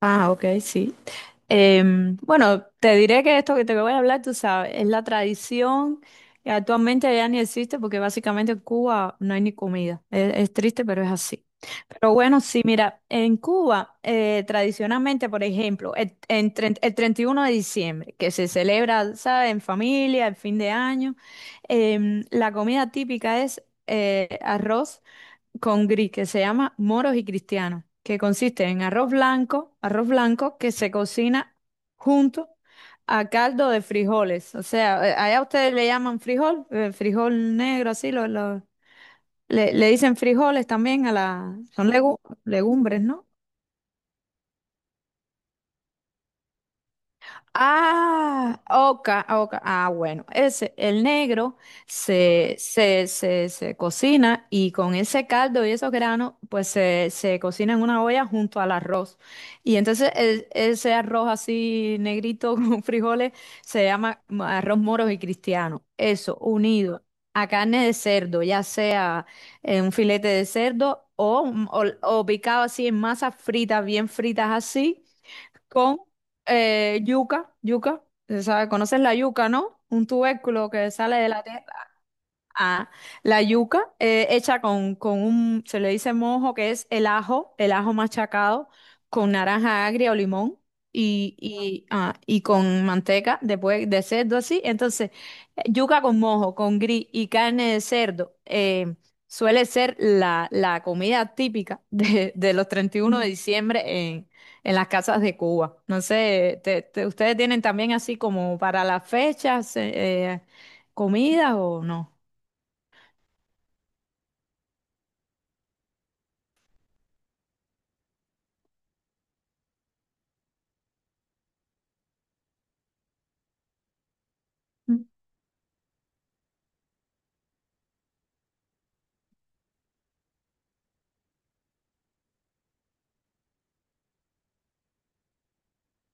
Ah, ok, sí. Bueno, te diré que esto que te voy a hablar, tú sabes, es la tradición que actualmente ya ni existe porque básicamente en Cuba no hay ni comida. Es triste, pero es así. Pero bueno, sí, mira, en Cuba tradicionalmente, por ejemplo, el, el 31 de diciembre, que se celebra, ¿sabes?, en familia, el fin de año, la comida típica es arroz con gris que se llama moros y cristianos, que consiste en arroz blanco que se cocina junto a caldo de frijoles. O sea, allá ustedes le llaman frijol, frijol negro, así lo, le, le dicen frijoles también a la, son legumbres, ¿no? Ah, oca, oca. Ah, bueno, ese, el negro se cocina y con ese caldo y esos granos, pues se cocina en una olla junto al arroz. Y entonces ese arroz así negrito con frijoles se llama arroz moros y cristiano. Eso, unido a carne de cerdo, ya sea un filete de cerdo o, o o picado así en masas fritas, bien fritas así con yuca, se sabe, conoces la yuca, ¿no? Un tubérculo que sale de la, Ah, la yuca hecha con un, se le dice mojo, que es el ajo machacado con naranja agria o limón y, y con manteca después de cerdo así. Entonces, yuca con mojo, con gris y carne de cerdo suele ser la, la comida típica de los 31 de diciembre en, en las casas de Cuba. No sé, ¿ustedes tienen también así como para las fechas comidas o no? Mm,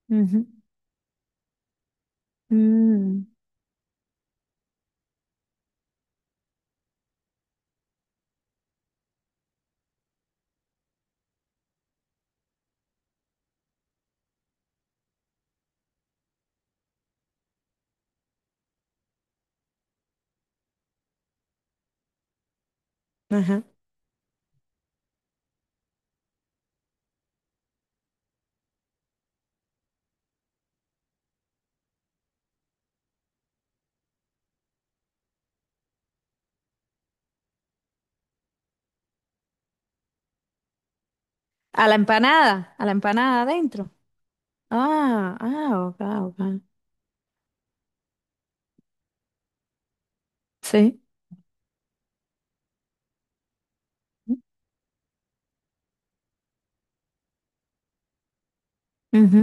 ujú. Mm, ajá. A la empanada adentro. Ah, ah, ok, ok. Sí. Ujú.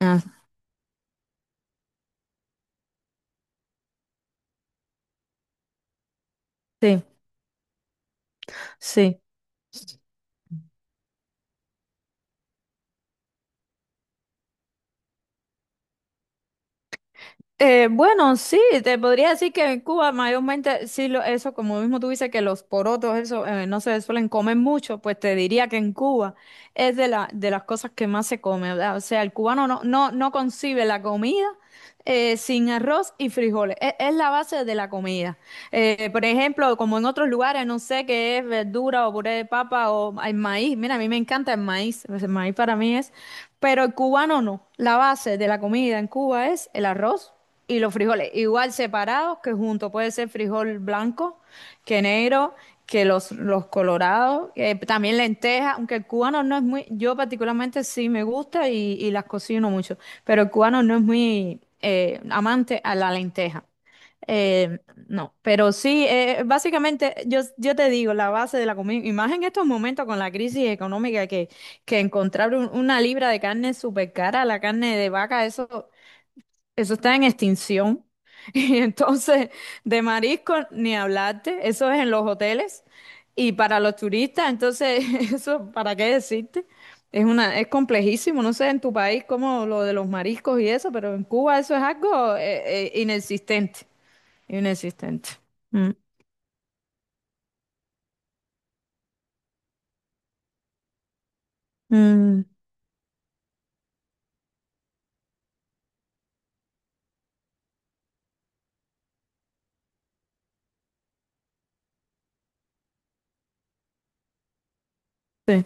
Ah, sí, sí. Bueno, sí, te podría decir que en Cuba mayormente, sí, lo, eso, como mismo tú dices que los porotos, eso, no se suelen comer mucho, pues te diría que en Cuba es de la, de las cosas que más se come, ¿verdad? O sea, el cubano no concibe la comida sin arroz y frijoles, es la base de la comida. Por ejemplo, como en otros lugares, no sé qué es verdura o puré de papa o el maíz, mira, a mí me encanta el maíz, pues el maíz para mí es pero el cubano no. La base de la comida en Cuba es el arroz y los frijoles, igual separados que juntos. Puede ser frijol blanco, que negro, que los colorados, también lentejas, aunque el cubano no es muy, yo particularmente sí me gusta y las cocino mucho, pero el cubano no es muy amante a la lenteja. Eh, no, pero sí, básicamente yo, yo te digo, la base de la comida, y más en estos momentos con la crisis económica que encontrar una libra de carne súper cara, la carne de vaca, eso está en extinción. Y entonces, de marisco, ni hablarte, eso es en los hoteles. Y para los turistas, entonces, eso, ¿para qué decirte? Es una, es complejísimo, no sé en tu país como lo de los mariscos y eso, pero en Cuba eso es algo inexistente, inexistente. Mm, mm, sí.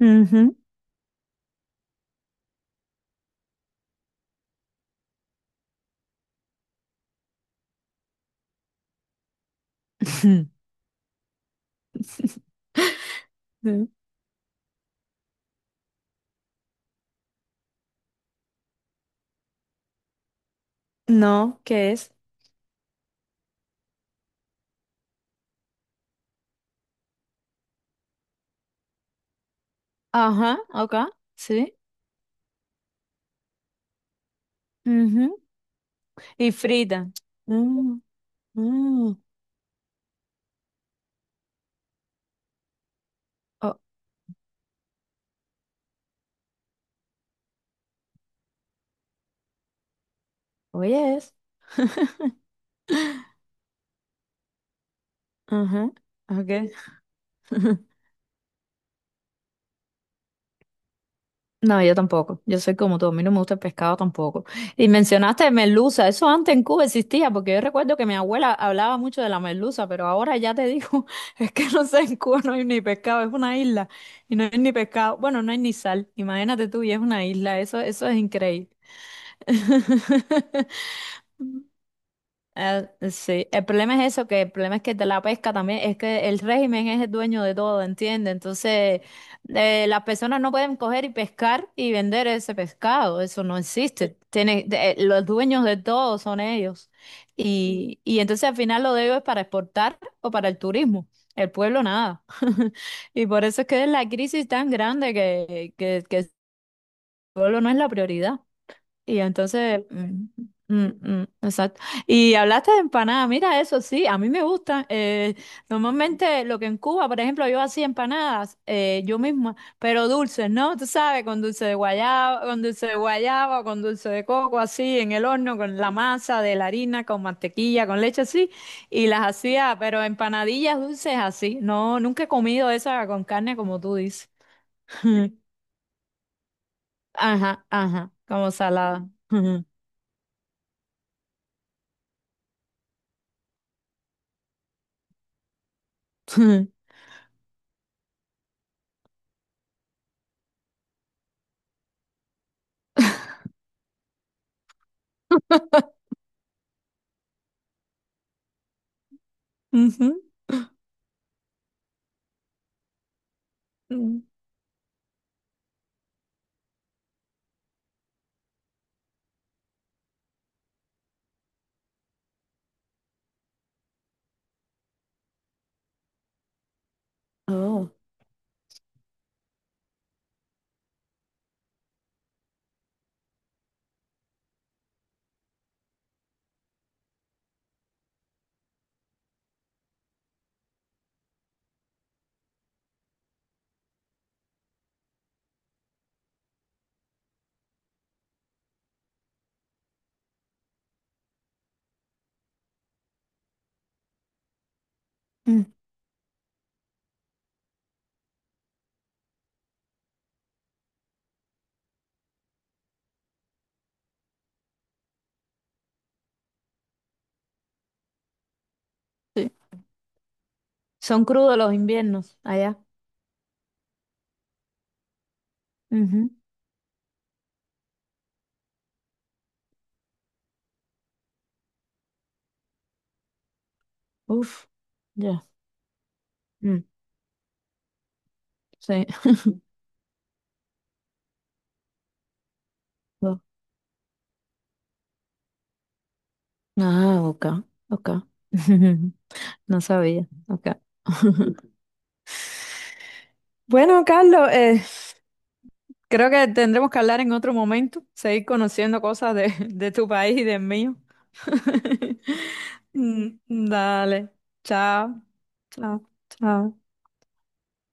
Ujú. Sí. No, ¿qué es? Ajá, acá, sí. Ujú. Y frita. Mm, mm. O- Oye, es. Ajá. Okay. No, yo tampoco. Yo soy como tú. A mí no me gusta el pescado tampoco. Y mencionaste merluza. Eso antes en Cuba existía, porque yo recuerdo que mi abuela hablaba mucho de la merluza, pero ahora ya te digo, es que no sé, en Cuba no hay ni pescado, es una isla y no hay ni pescado. Bueno, no hay ni sal. Imagínate tú, y es una isla. Eso es increíble. Ah, sí, el problema es eso, que el problema es que de la pesca también, es que el régimen es el dueño de todo, ¿entiendes? Entonces, las personas no pueden coger y pescar y vender ese pescado, eso no existe. Tiene, los dueños de todo son ellos. Y entonces al final lo de ellos es para exportar o para el turismo. El pueblo nada. Y por eso es que es la crisis tan grande que el pueblo no es la prioridad. Y entonces, exacto. Y hablaste de empanadas, mira eso, sí, a mí me gustan. Normalmente lo que en Cuba, por ejemplo, yo hacía empanadas yo misma, pero dulces, ¿no? Tú sabes, con dulce de guayaba, con dulce de guayaba, con dulce de coco, así, en el horno, con la masa de la harina, con mantequilla, con leche, así. Y las hacía, pero empanadillas dulces así. No, nunca he comido esa con carne como tú dices. Ajá, ajá, como salada. Ujú. Mm. Oh, mm, sí. Son crudos los inviernos allá. Ujú. Uf, ya. Mm, sí. Oh. Ah, ok, ok. No sabía. Ok. Bueno, Carlos, creo que tendremos que hablar en otro momento, seguir conociendo cosas de, de tu país y del mío. Mm, dale. Chao, chao, chao.